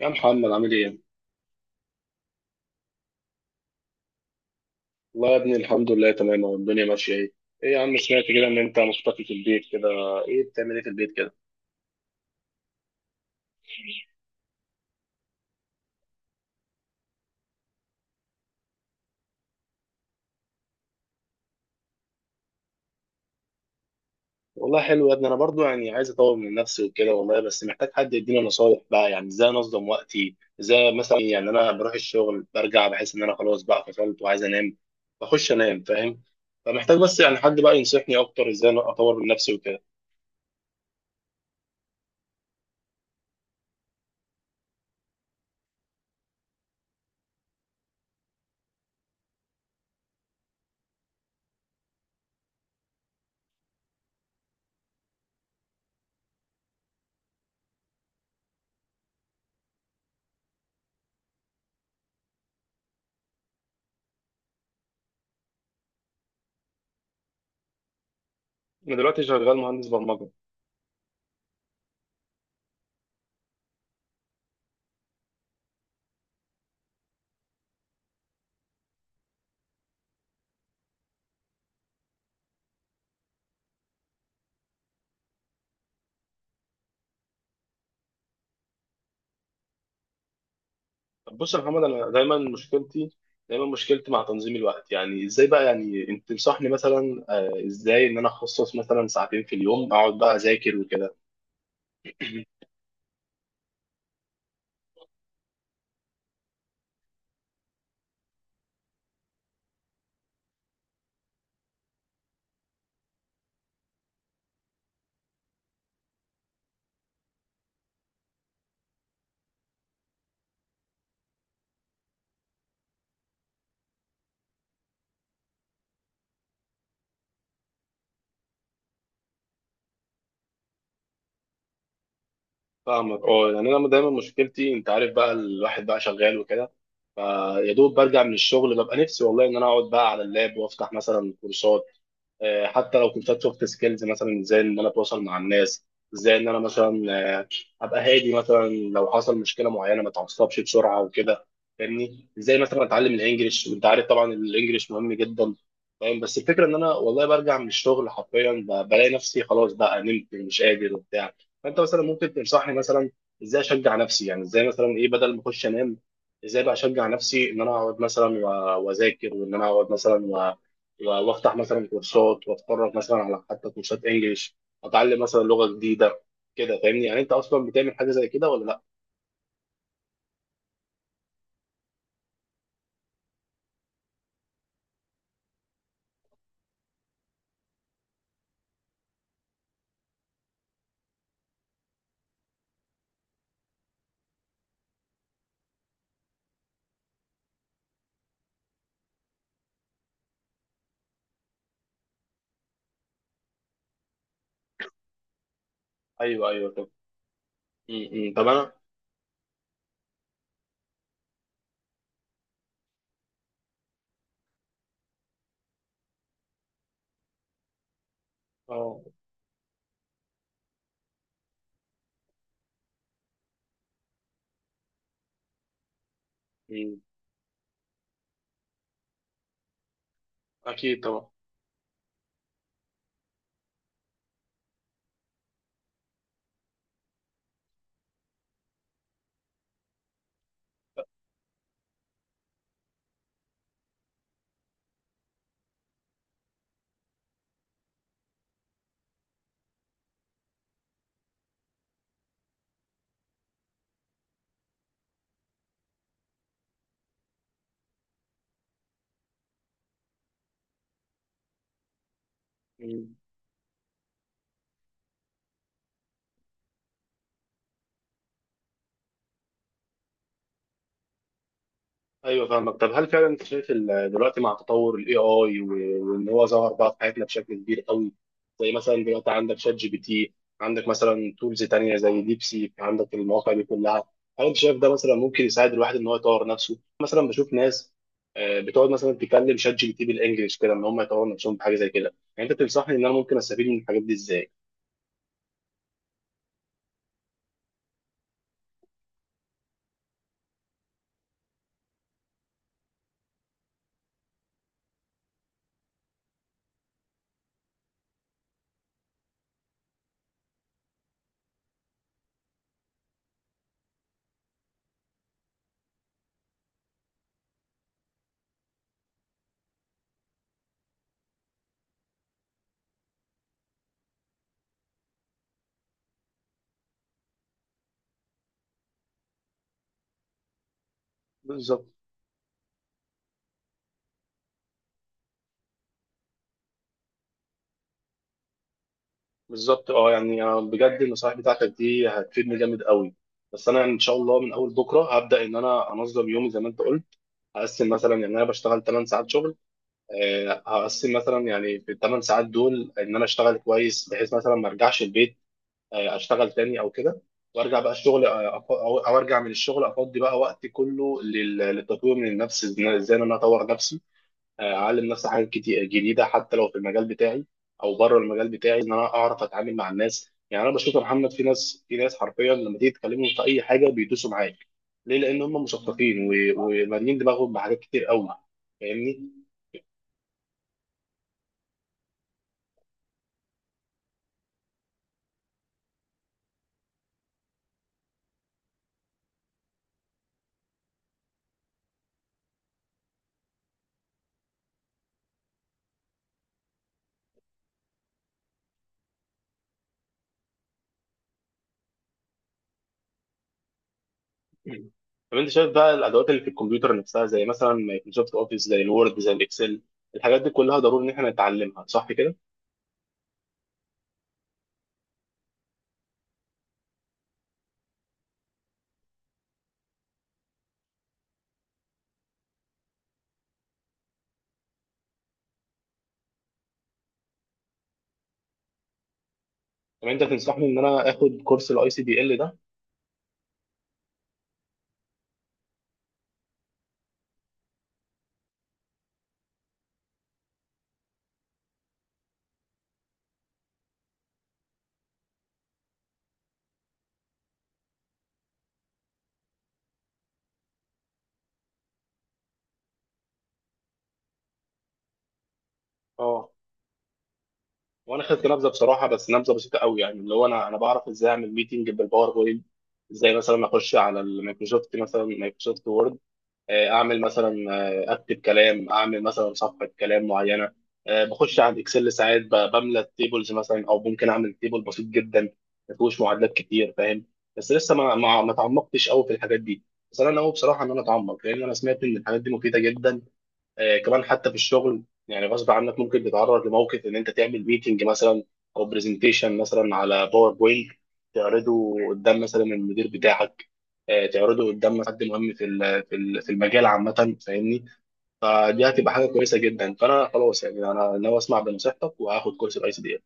يا محمد، عامل ايه؟ والله يا ابني الحمد لله تمام، والدنيا ماشية. ايه؟ ايه يا عم، سمعت كده ان انت مختفي في البيت كده. ايه بتعمل ايه في البيت كده؟ والله حلو يا ابني، انا برضو يعني عايز اطور من نفسي وكده والله، بس محتاج حد يديني نصايح بقى، يعني ازاي انظم وقتي؟ ازاي مثلا؟ يعني انا بروح الشغل برجع بحس ان انا خلاص بقى فصلت وعايز انام، بخش انام، فاهم؟ فمحتاج بس يعني حد بقى ينصحني اكتر ازاي أنا اطور من نفسي وكده. انا دلوقتي شغال مهندس برمجة. طب بص يا محمد، انا دايما مشكلتي مع تنظيم الوقت، يعني ازاي بقى، يعني انت تنصحني مثلا؟ ازاي ان انا اخصص مثلا ساعتين في اليوم اقعد بقى اذاكر وكده؟ فاهمك، اه، يعني انا دايما مشكلتي، انت عارف بقى، الواحد بقى شغال وكده، فيا دوب برجع من الشغل ببقى نفسي والله ان انا اقعد بقى على اللاب وافتح مثلا كورسات. حتى لو كورسات سوفت سكيلز، مثلا ازاي ان انا اتواصل مع الناس، ازاي ان انا مثلا ابقى هادي مثلا لو حصل مشكله معينه ما اتعصبش بسرعه وكده. فاهمني؟ ازاي مثلا اتعلم الانجليش؟ انت عارف طبعا الانجليش مهم جدا، فاهم؟ بس الفكره ان انا والله برجع من الشغل حرفيا بلاقي نفسي خلاص بقى نمت، مش قادر وبتاع. فانت مثلا ممكن تنصحني مثلا ازاي اشجع نفسي؟ يعني ازاي مثلا ايه؟ بدل ما اخش انام، ازاي بقى اشجع نفسي ان انا اقعد مثلا واذاكر، وان انا اقعد مثلا وافتح مثلا كورسات واتفرج مثلا على حتى كورسات انجليش، اتعلم مثلا لغه جديده، كده. فاهمني؟ يعني انت اصلا بتعمل حاجه زي كده، ولا لا؟ ايوه، ايوه، طب. م- م. طب انا. اه. م. اكيد طبعا. م. ايوه، فاهمك. طب هل فعلا انت شايف دلوقتي مع تطور الاي اي، وان هو ظهر بقى في حياتنا بشكل كبير قوي، زي مثلا دلوقتي عندك شات جي بي تي، عندك مثلا تولز تانية زي ديبسيك، عندك المواقع دي كلها، هل انت شايف ده مثلا ممكن يساعد الواحد ان هو يطور نفسه؟ مثلا بشوف ناس بتقعد مثلا تكلم شات جي بي تي بالانجلش كده، ان هم يطوروا نفسهم بحاجه زي كده. يعني انت تنصحني ان انا ممكن استفيد من الحاجات دي ازاي؟ بالظبط. بالظبط، اه، يعني بجد النصائح بتاعتك دي هتفيدني جامد قوي. بس انا ان شاء الله من اول بكره هبدا ان انا انظم يومي زي ما انت قلت. هقسم مثلا، يعني انا بشتغل 8 ساعات شغل. هقسم مثلا يعني في ال 8 ساعات دول ان انا اشتغل كويس، بحيث مثلا ما ارجعش البيت اشتغل تاني او كده، وارجع بقى الشغل. آه، أف- او أو ارجع من الشغل افضي بقى وقتي كله للتطوير من النفس. ازاي إن انا اطور نفسي، اعلم نفسي حاجات كتير جديده حتى لو في المجال بتاعي او بره المجال بتاعي، ان انا اعرف اتعامل مع الناس. يعني انا بشوف يا محمد في ناس حرفيا لما تيجي تكلمهم في اي حاجه بيدوسوا معاك. ليه؟ لان هم مثقفين ومالين دماغهم بحاجات كتير قوي، فاهمني؟ طب انت شايف بقى الادوات اللي في الكمبيوتر نفسها زي مثلا مايكروسوفت اوفيس، زي الوورد، زي الاكسل، الحاجات دي كلها ضروري ان احنا نتعلمها، صح كده؟ طب انت تنصحني ان انا اخد كورس الاي سي دي ال ده؟ اه. وانا خدت نبذه بصراحه، بس نبذه بسيطه قوي، يعني اللي هو انا بعرف ازاي اعمل ميتنج بالباوربوينت، ازاي مثلا اخش على المايكروسوفت مثلا مايكروسوفت وورد، اعمل مثلا، اكتب كلام، اعمل مثلا صفحه كلام معينه. بخش على الاكسل ساعات بملى التيبلز مثلا، او ممكن اعمل تيبل بسيط جدا ما فيهوش معادلات كتير، فاهم؟ بس لسه ما تعمقتش قوي في الحاجات دي، بس انا ناوي بصراحه ان انا اتعمق، لان انا سمعت ان الحاجات دي مفيده جدا. كمان حتى في الشغل يعني غصب عنك ممكن تتعرض لموقف ان انت تعمل ميتنج مثلا، او برزنتيشن مثلا على باوربوينت، تعرضه قدام مثلا المدير بتاعك، تعرضه قدام حد مهم في المجال عامه، فاهمني؟ فدي هتبقى حاجه كويسه جدا، فانا خلاص يعني انا ناوي اسمع بنصيحتك وهاخد كورس الاي سي دي ال.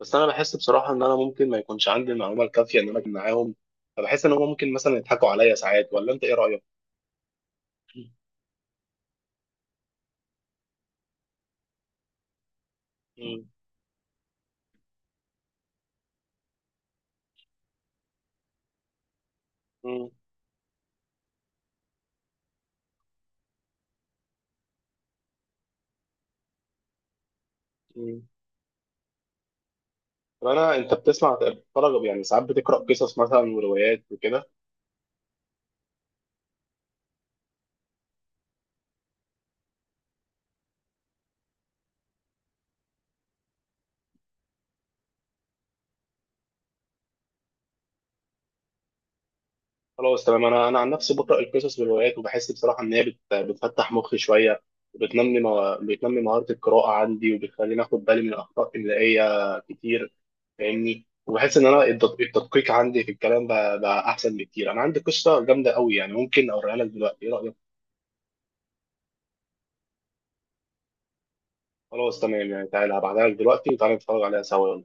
بس انا بحس بصراحه ان انا ممكن ما يكونش عندي المعلومه الكافيه ان انا اكون معاهم، فبحس ان هم ممكن مثلا يضحكوا عليا ساعات، ولا انت ايه رايك؟ مم. مم. مم. طب انا، انت بتسمع، بتتفرج؟ يعني ساعات بتقرا قصص مثلا وروايات وكده؟ خلاص تمام. انا عن نفسي بقرا القصص والروايات وبحس بصراحه ان هي بتفتح مخي شويه، وبتنمي بتنمي مهاره القراءه عندي، وبتخليني اخد بالي من اخطاء املائيه كتير، فاهمني؟ وبحس ان انا التدقيق عندي في الكلام بقى احسن بكتير. انا عندي قصه جامده قوي، يعني ممكن اوريها لك دلوقتي، ايه رايك؟ خلاص تمام يعني، تعالى هبعتها لك دلوقتي وتعالى نتفرج عليها سوا.